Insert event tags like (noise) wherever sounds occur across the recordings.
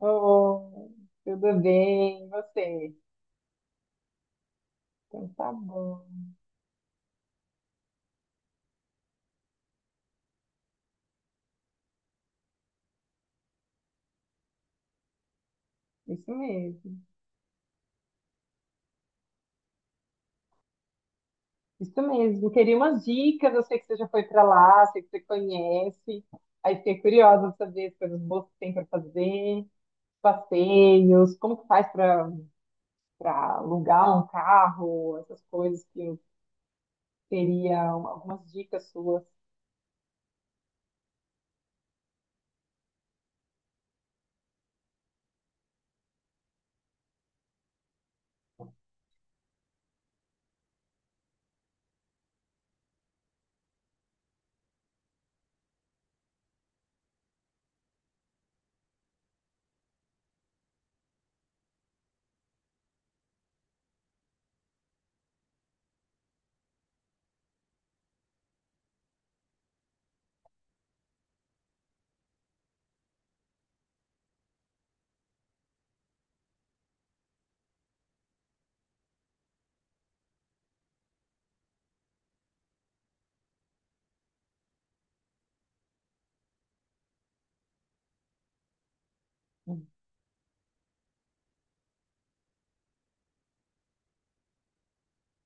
Oh, tudo bem, e você? Então tá bom. Isso mesmo. Isso mesmo. Queria umas dicas. Eu sei que você já foi pra lá, sei que você conhece. Aí fiquei curiosa de saber as coisas boas que tem para fazer, passeios, como que faz para alugar um carro, essas coisas que eu teria algumas dicas suas.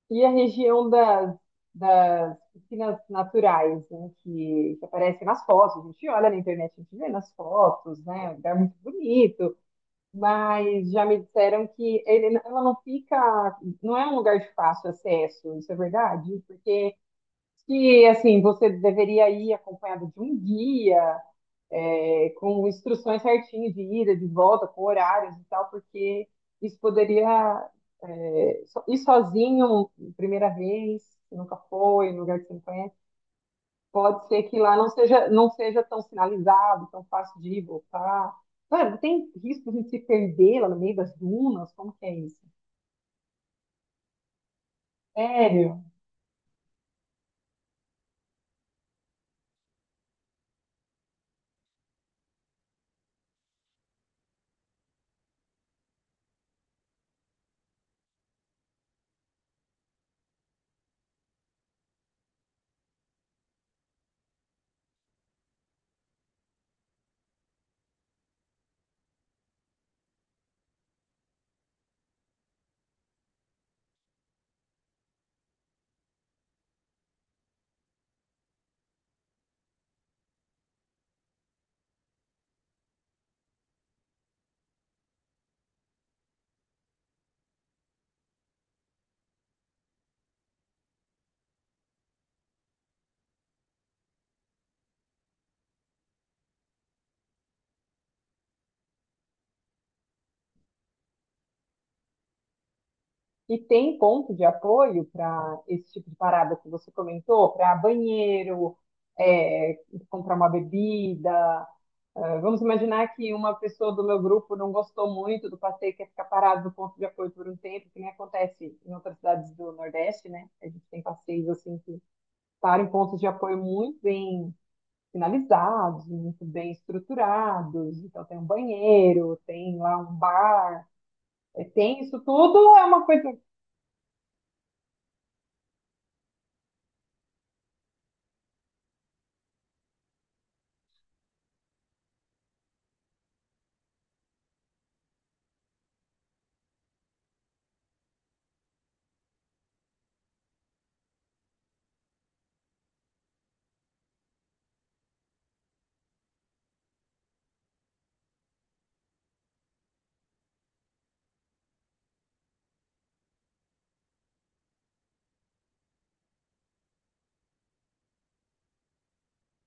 E a região das piscinas naturais, né, que aparecem nas fotos, a gente olha na internet, a gente vê nas fotos, né, é um lugar muito bonito, mas já me disseram que ela não fica, não é um lugar de fácil acesso, isso é verdade? Porque se, assim, você deveria ir acompanhado de um guia, com instruções certinhas de ida, de volta, com horários e tal, porque isso poderia ir sozinho, primeira vez, que nunca foi, em lugar que você não conhece. Pode ser que lá não seja tão sinalizado, tão fácil de ir e voltar. Mano, tem risco de se perder lá no meio das dunas? Como que é isso? Sério? E tem ponto de apoio para esse tipo de parada que você comentou? Para banheiro, é, comprar uma bebida, ah, vamos imaginar que uma pessoa do meu grupo não gostou muito do passeio, quer ficar parado no ponto de apoio por um tempo, que nem acontece em outras cidades do Nordeste, né? A gente tem passeios assim que param em pontos de apoio muito bem finalizados, muito bem estruturados. Então tem um banheiro, tem lá um bar, tem isso tudo, é uma coisa que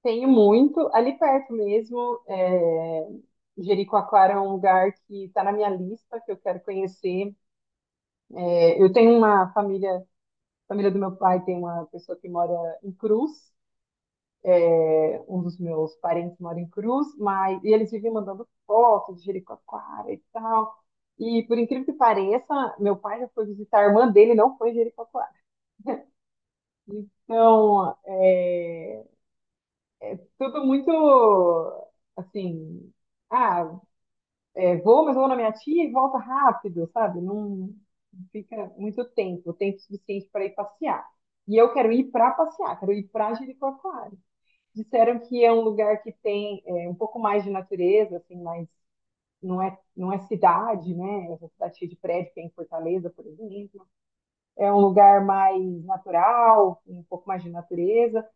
tem muito ali perto mesmo. Jericoacoara é um lugar que está na minha lista, que eu quero conhecer. Eh, Eu tenho uma família A família do meu pai tem uma pessoa que mora em Cruz, um dos meus parentes mora em Cruz, mas e eles vivem mandando fotos de Jericoacoara e tal. E por incrível que pareça, meu pai já foi visitar a irmã dele, não foi em Jericoacoara. Então, tudo muito assim, ah, vou, mas vou na minha tia e volta rápido, sabe? Não fica muito tempo, tempo suficiente para ir passear. E eu quero ir para passear, quero ir para Jericoacoara. Disseram que é um lugar que tem um pouco mais de natureza, assim, mas não é cidade, né? Essa cidade cheia de prédio que é em Fortaleza, por exemplo. É um lugar mais natural, com um pouco mais de natureza,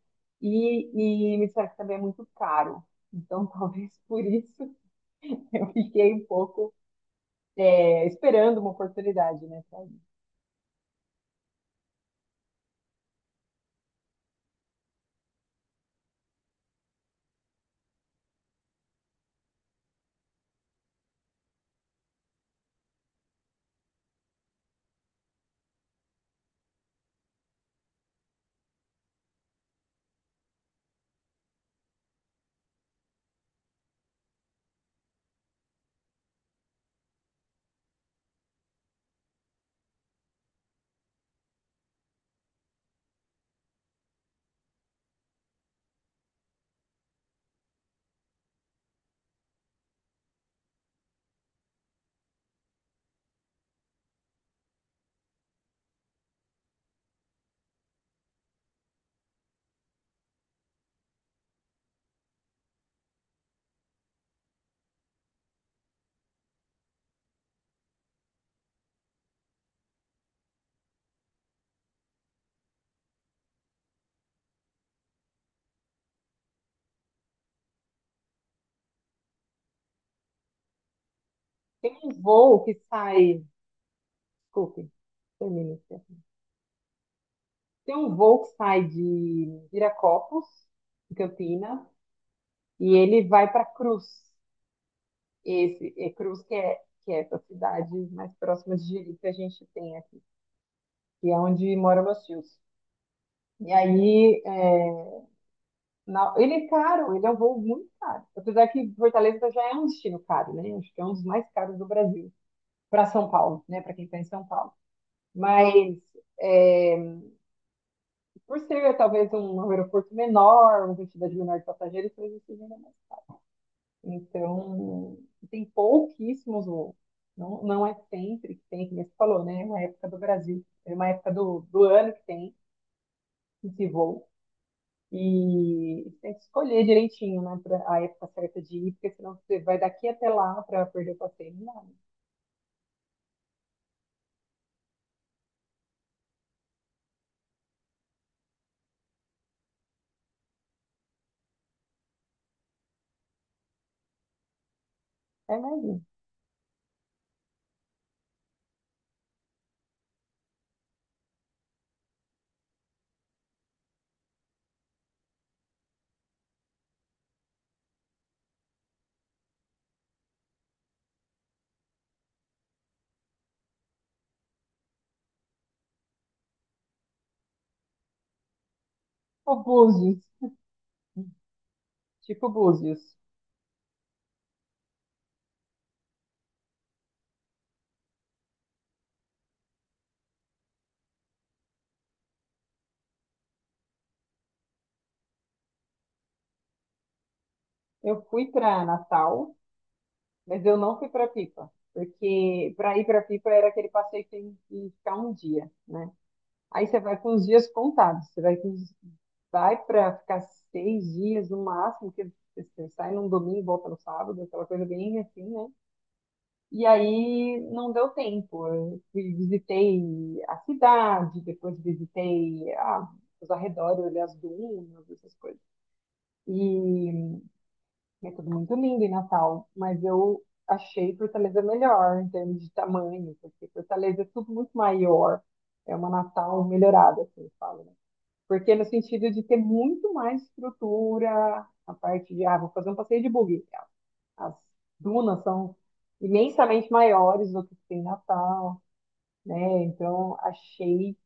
e me disseram que também é muito caro. Então, (laughs) talvez por isso (laughs) eu fiquei um pouco esperando uma oportunidade, né? Pra ir. Tem um voo que sai. Desculpe, termina. Tem um voo que sai de Viracopos, em Campinas, e ele vai para Cruz. Esse é Cruz, que é essa cidade mais próxima de Jeri que a gente tem aqui, que é onde moram meus tios. E aí, é, ele é caro, ele é um voo muito caro. Apesar que Fortaleza já é um destino caro, né? Acho que é um dos mais caros do Brasil, para São Paulo, né? Para quem está em São Paulo. Mas, é, por ser talvez um aeroporto menor, uma quantidade menor de passageiros, talvez seja. Então, tem pouquíssimos, ou não, não é sempre que tem, como você falou, né? É uma época do Brasil, é uma época do ano que tem esse voo. E tem que escolher direitinho, né? Pra a época certa de ir, porque senão você vai daqui até lá para perder o passeio. Não, é mais isso. O Búzios, tipo Búzios. Eu fui para Natal, mas eu não fui para Pipa. Porque para ir para Pipa era aquele passeio que tem que ficar um dia, né? Aí você vai com os dias contados, você vai com os vai para ficar 6 dias no máximo, que você sai num domingo e volta no sábado, aquela coisa bem assim, né? E aí não deu tempo. Eu visitei a cidade, depois visitei os arredores, ali, as dunas, essas coisas. E é tudo muito lindo em Natal, mas eu achei Fortaleza melhor em termos de tamanho, porque Fortaleza é tudo muito maior. É uma Natal melhorada, assim, fala, né? Porque no sentido de ter muito mais estrutura, a parte de, vou fazer um passeio de buggy. As dunas são imensamente maiores do que tem em Natal, né? Então, achei,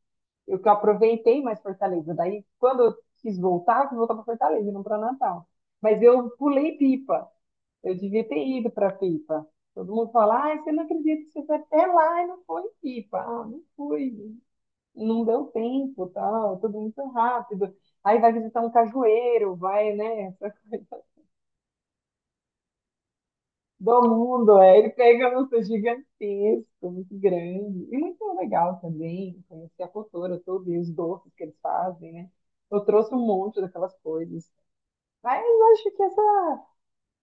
eu que aproveitei mais Fortaleza. Daí, quando eu quis voltar para Fortaleza, e não para Natal. Mas eu pulei Pipa. Eu devia ter ido para Pipa. Todo mundo fala, ah, você não acredita que você foi até lá e não foi em Pipa. Ah, não fui, não deu tempo, tal, tudo muito rápido. Aí vai visitar um cajueiro, vai, né, essa coisa do mundo. Ele pega um urso gigantesco, muito grande. E muito legal também conhecer a cultura toda e os doces que eles fazem, né? Eu trouxe um monte daquelas coisas. Mas eu acho que essa,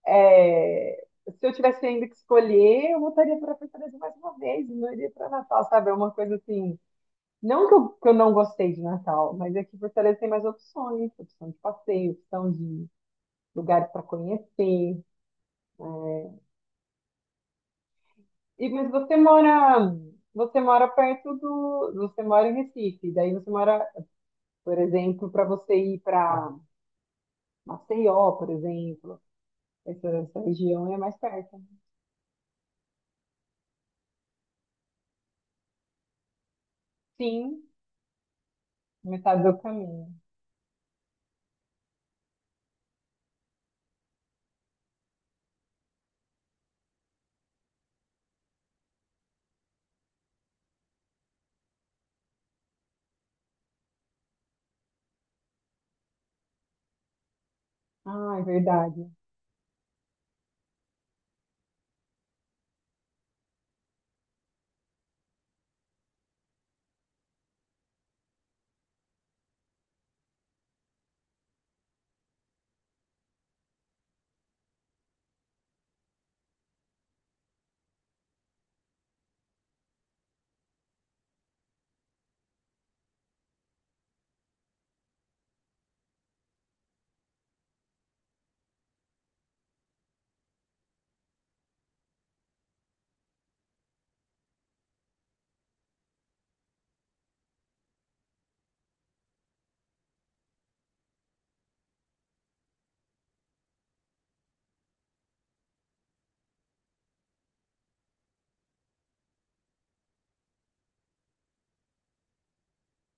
é, se eu tivesse ainda que escolher, eu voltaria para a Fortaleza mais uma vez, e não iria para Natal, sabe? É uma coisa assim, não que eu, não gostei de Natal, mas aqui em Fortaleza tem mais opções, opção de passeio, opção de lugares para conhecer. E, mas você mora em Recife, por exemplo, para você ir para Maceió, por exemplo, essa região é mais perto. Sim, metade do caminho. Ah, é verdade.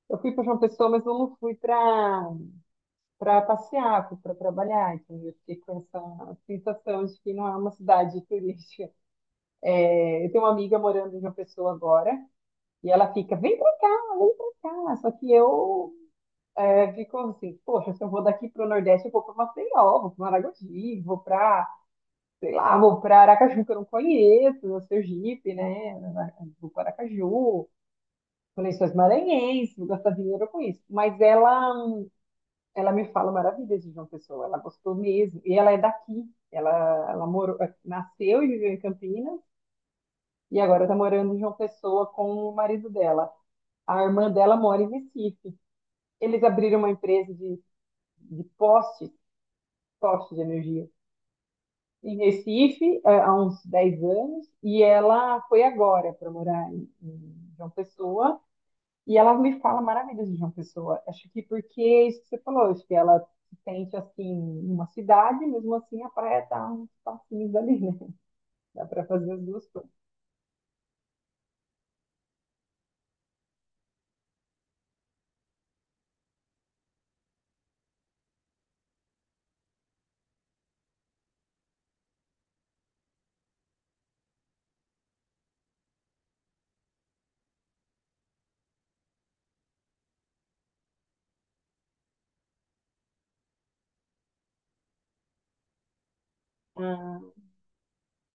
Eu fui para João Pessoa, mas eu não fui para passear, para trabalhar. Então eu fiquei com essa sensação de que não é uma cidade turística. É, eu tenho uma amiga morando em uma pessoa agora e ela fica, vem para cá, vem para cá. Só que eu fico assim, poxa, se eu vou daqui para o Nordeste, eu vou para Maceió, vou para Maragogi, vou para, sei lá, vou para Aracaju, que eu não conheço, o Sergipe, né? Vou para Aracaju conexões maranhenses, vou gastar dinheiro com isso. Ela me fala maravilhas de João Pessoa, ela gostou mesmo. E ela é daqui, ela morou, nasceu e viveu em Campinas, e agora está morando em João Pessoa com o marido dela. A irmã dela mora em Recife. Eles abriram uma empresa de, postes, postes de energia, em Recife há uns 10 anos, e ela foi agora para morar em João Pessoa, e ela me fala maravilhas de João Pessoa. Acho que porque é isso que você falou, acho que ela se sente assim numa cidade, mesmo assim a praia tá uns passinhos ali, né? (laughs) Dá para fazer as duas coisas. Ah,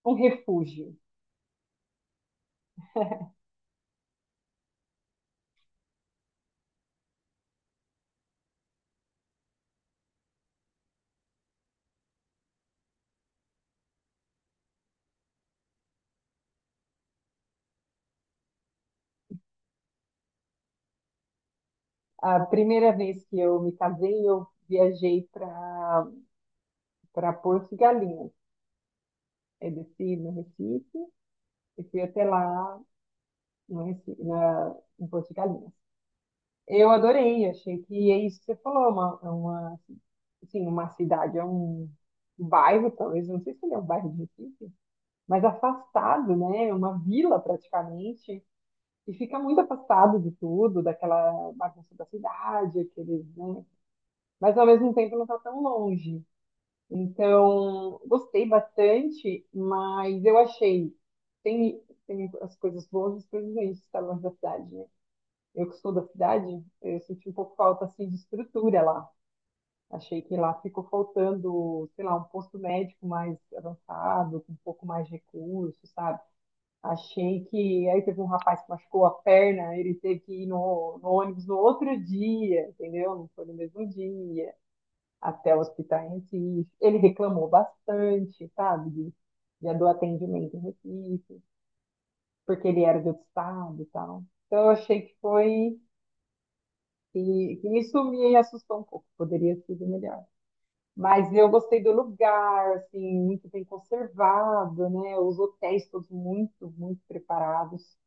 um refúgio. A primeira vez que eu me casei, eu viajei para Porto de Galinhas. Eu desci no Recife e fui até lá no Recife, em Porto de Galinhas. Eu adorei, achei que é isso que você falou, é uma, assim, uma cidade, é um bairro, talvez, não sei se ele é um bairro de Recife, mas afastado, né? É uma vila praticamente, e fica muito afastado de tudo, daquela bagunça da cidade, aqueles, né? Mas ao mesmo tempo não está tão longe. Então, gostei bastante, mas eu achei, tem, tem as coisas boas e as coisas ruins de estar longe da cidade, né? Eu que sou da cidade, eu senti um pouco falta assim de estrutura lá. Achei que lá ficou faltando, sei lá, um posto médico mais avançado, com um pouco mais de recurso, sabe? Achei que aí teve um rapaz que machucou a perna, ele teve que ir no ônibus no outro dia, entendeu? Não foi no mesmo dia, até o hospital em Recife. Ele reclamou bastante, sabe? Já do atendimento em Recife, porque ele era de outro estado e tal. Então eu achei que foi. E isso me assustou um pouco, poderia ter sido melhor. Mas eu gostei do lugar, assim, muito bem conservado, né? Os hotéis todos muito, muito preparados.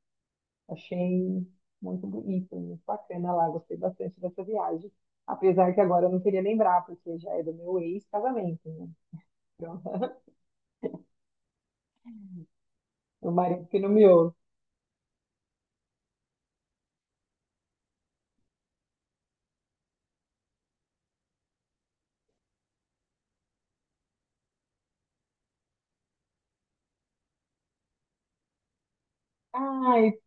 Achei muito bonito, muito bacana lá, gostei bastante dessa viagem. Apesar que agora eu não queria lembrar, porque já é do meu ex-casamento, né? Então, (laughs) meu marido que nomeou. Ai,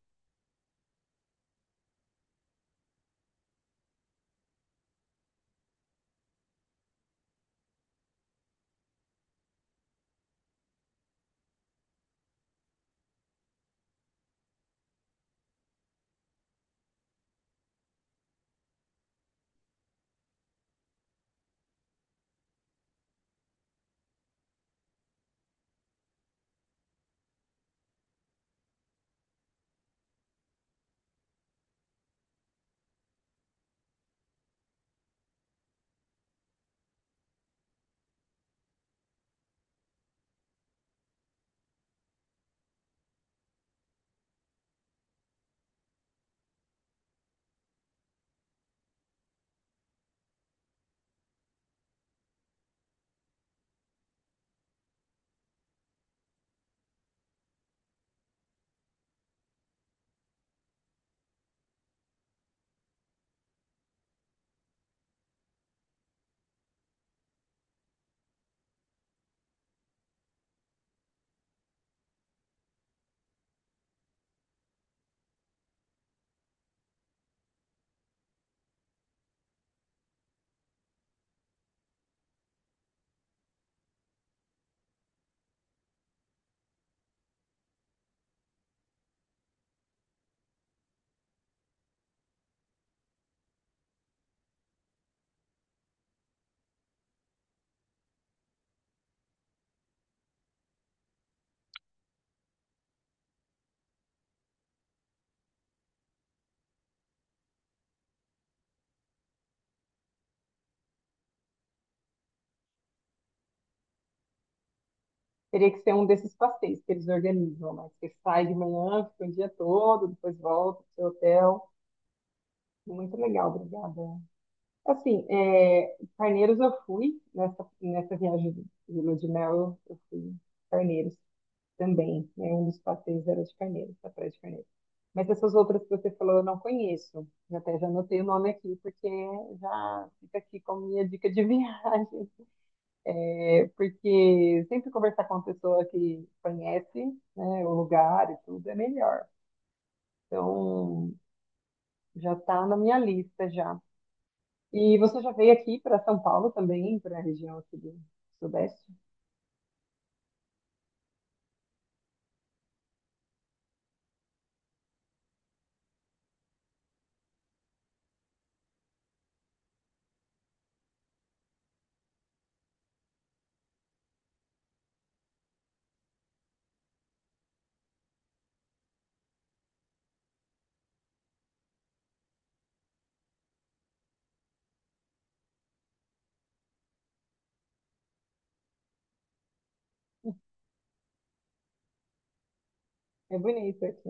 teria que ser um desses passeios que eles organizam, né? Você sai de manhã, fica o dia todo, depois volta pro seu hotel. Muito legal, obrigada. Assim, Carneiros eu fui, nessa viagem de lua de mel, eu fui em Carneiros também, né? Um dos passeios era de Carneiros, da Praia de Carneiros. Mas essas outras que você falou eu não conheço, eu até já anotei o nome aqui, porque já fica aqui como minha dica de (laughs) viagem. É, porque sempre conversar com uma pessoa que conhece, né, o lugar e tudo é melhor. Então, já está na minha lista já. E você já veio aqui para São Paulo também, para a região aqui do Sudeste? É bonito aqui.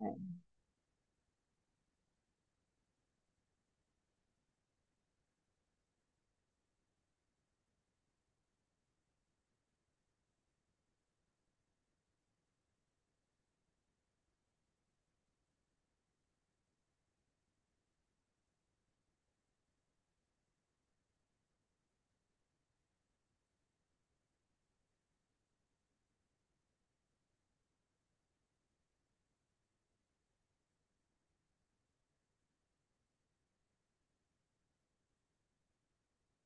É.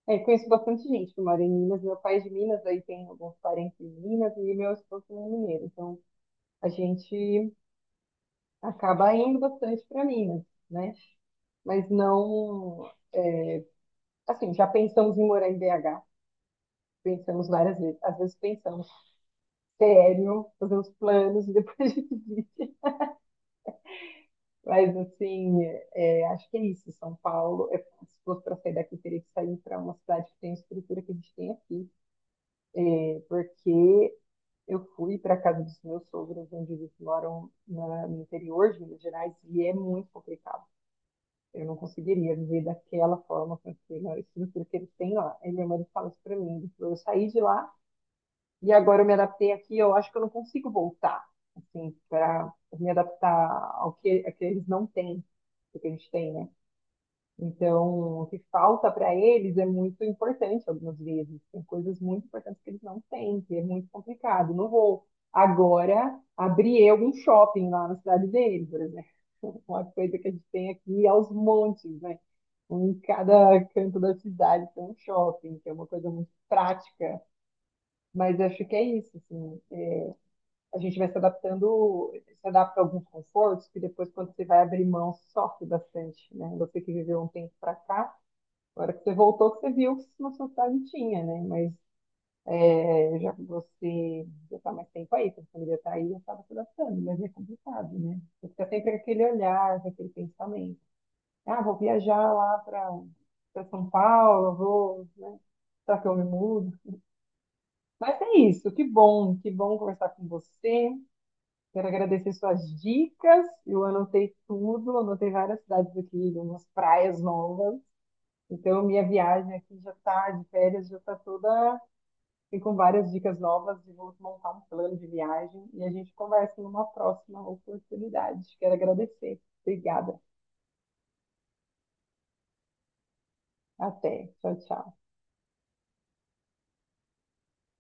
É, conheço bastante gente que mora em Minas. Meu pai é de Minas, aí tem alguns parentes em Minas e meu esposo é mineiro. Então a gente acaba indo bastante para Minas, né? Mas não, assim, já pensamos em morar em BH. Pensamos várias vezes. Às vezes pensamos, sério, fazemos planos e depois (laughs) a gente desiste. Mas, assim, acho que é isso. São Paulo, se fosse para sair daqui, teria que sair para uma cidade que tem a estrutura que a gente tem aqui. É, porque eu fui para a casa dos meus sogros, onde eles moram no interior de Minas Gerais, e é muito complicado. Eu não conseguiria viver daquela forma com aquela estrutura que eles têm lá. E minha mãe fala isso para mim. Ele falou, eu saí de lá e agora eu me adaptei aqui, eu acho que eu não consigo voltar, assim, para me adaptar ao que, a que eles não têm, o que a gente tem, né? Então, o que falta para eles é muito importante algumas vezes. Tem coisas muito importantes que eles não têm, que é muito complicado. Não vou agora abrir algum shopping lá na cidade dele, por exemplo. (laughs) Uma coisa que a gente tem aqui aos montes, né? Em cada canto da cidade tem um shopping, que é uma coisa muito prática. Mas acho que é isso, assim. A gente vai se adaptando, se adapta a alguns confortos, que depois, quando você vai abrir mão, sofre bastante, né? Você que viveu um tempo para cá, agora que você voltou, que você viu que na sua cidade tinha, né? Mas já que você já está mais tempo aí, sua família está aí, já estava se adaptando, mas é complicado, né? Você fica sempre com aquele olhar, com aquele pensamento. Ah, vou viajar lá para São Paulo, vou, né? Será que eu me mudo? Mas é isso, que bom conversar com você. Quero agradecer suas dicas. Eu anotei tudo, anotei várias cidades aqui, umas praias novas. Então, minha viagem aqui já está de férias, já está toda e com várias dicas novas e vamos montar um plano de viagem e a gente conversa numa próxima oportunidade. Quero agradecer. Obrigada. Até. Tchau, tchau.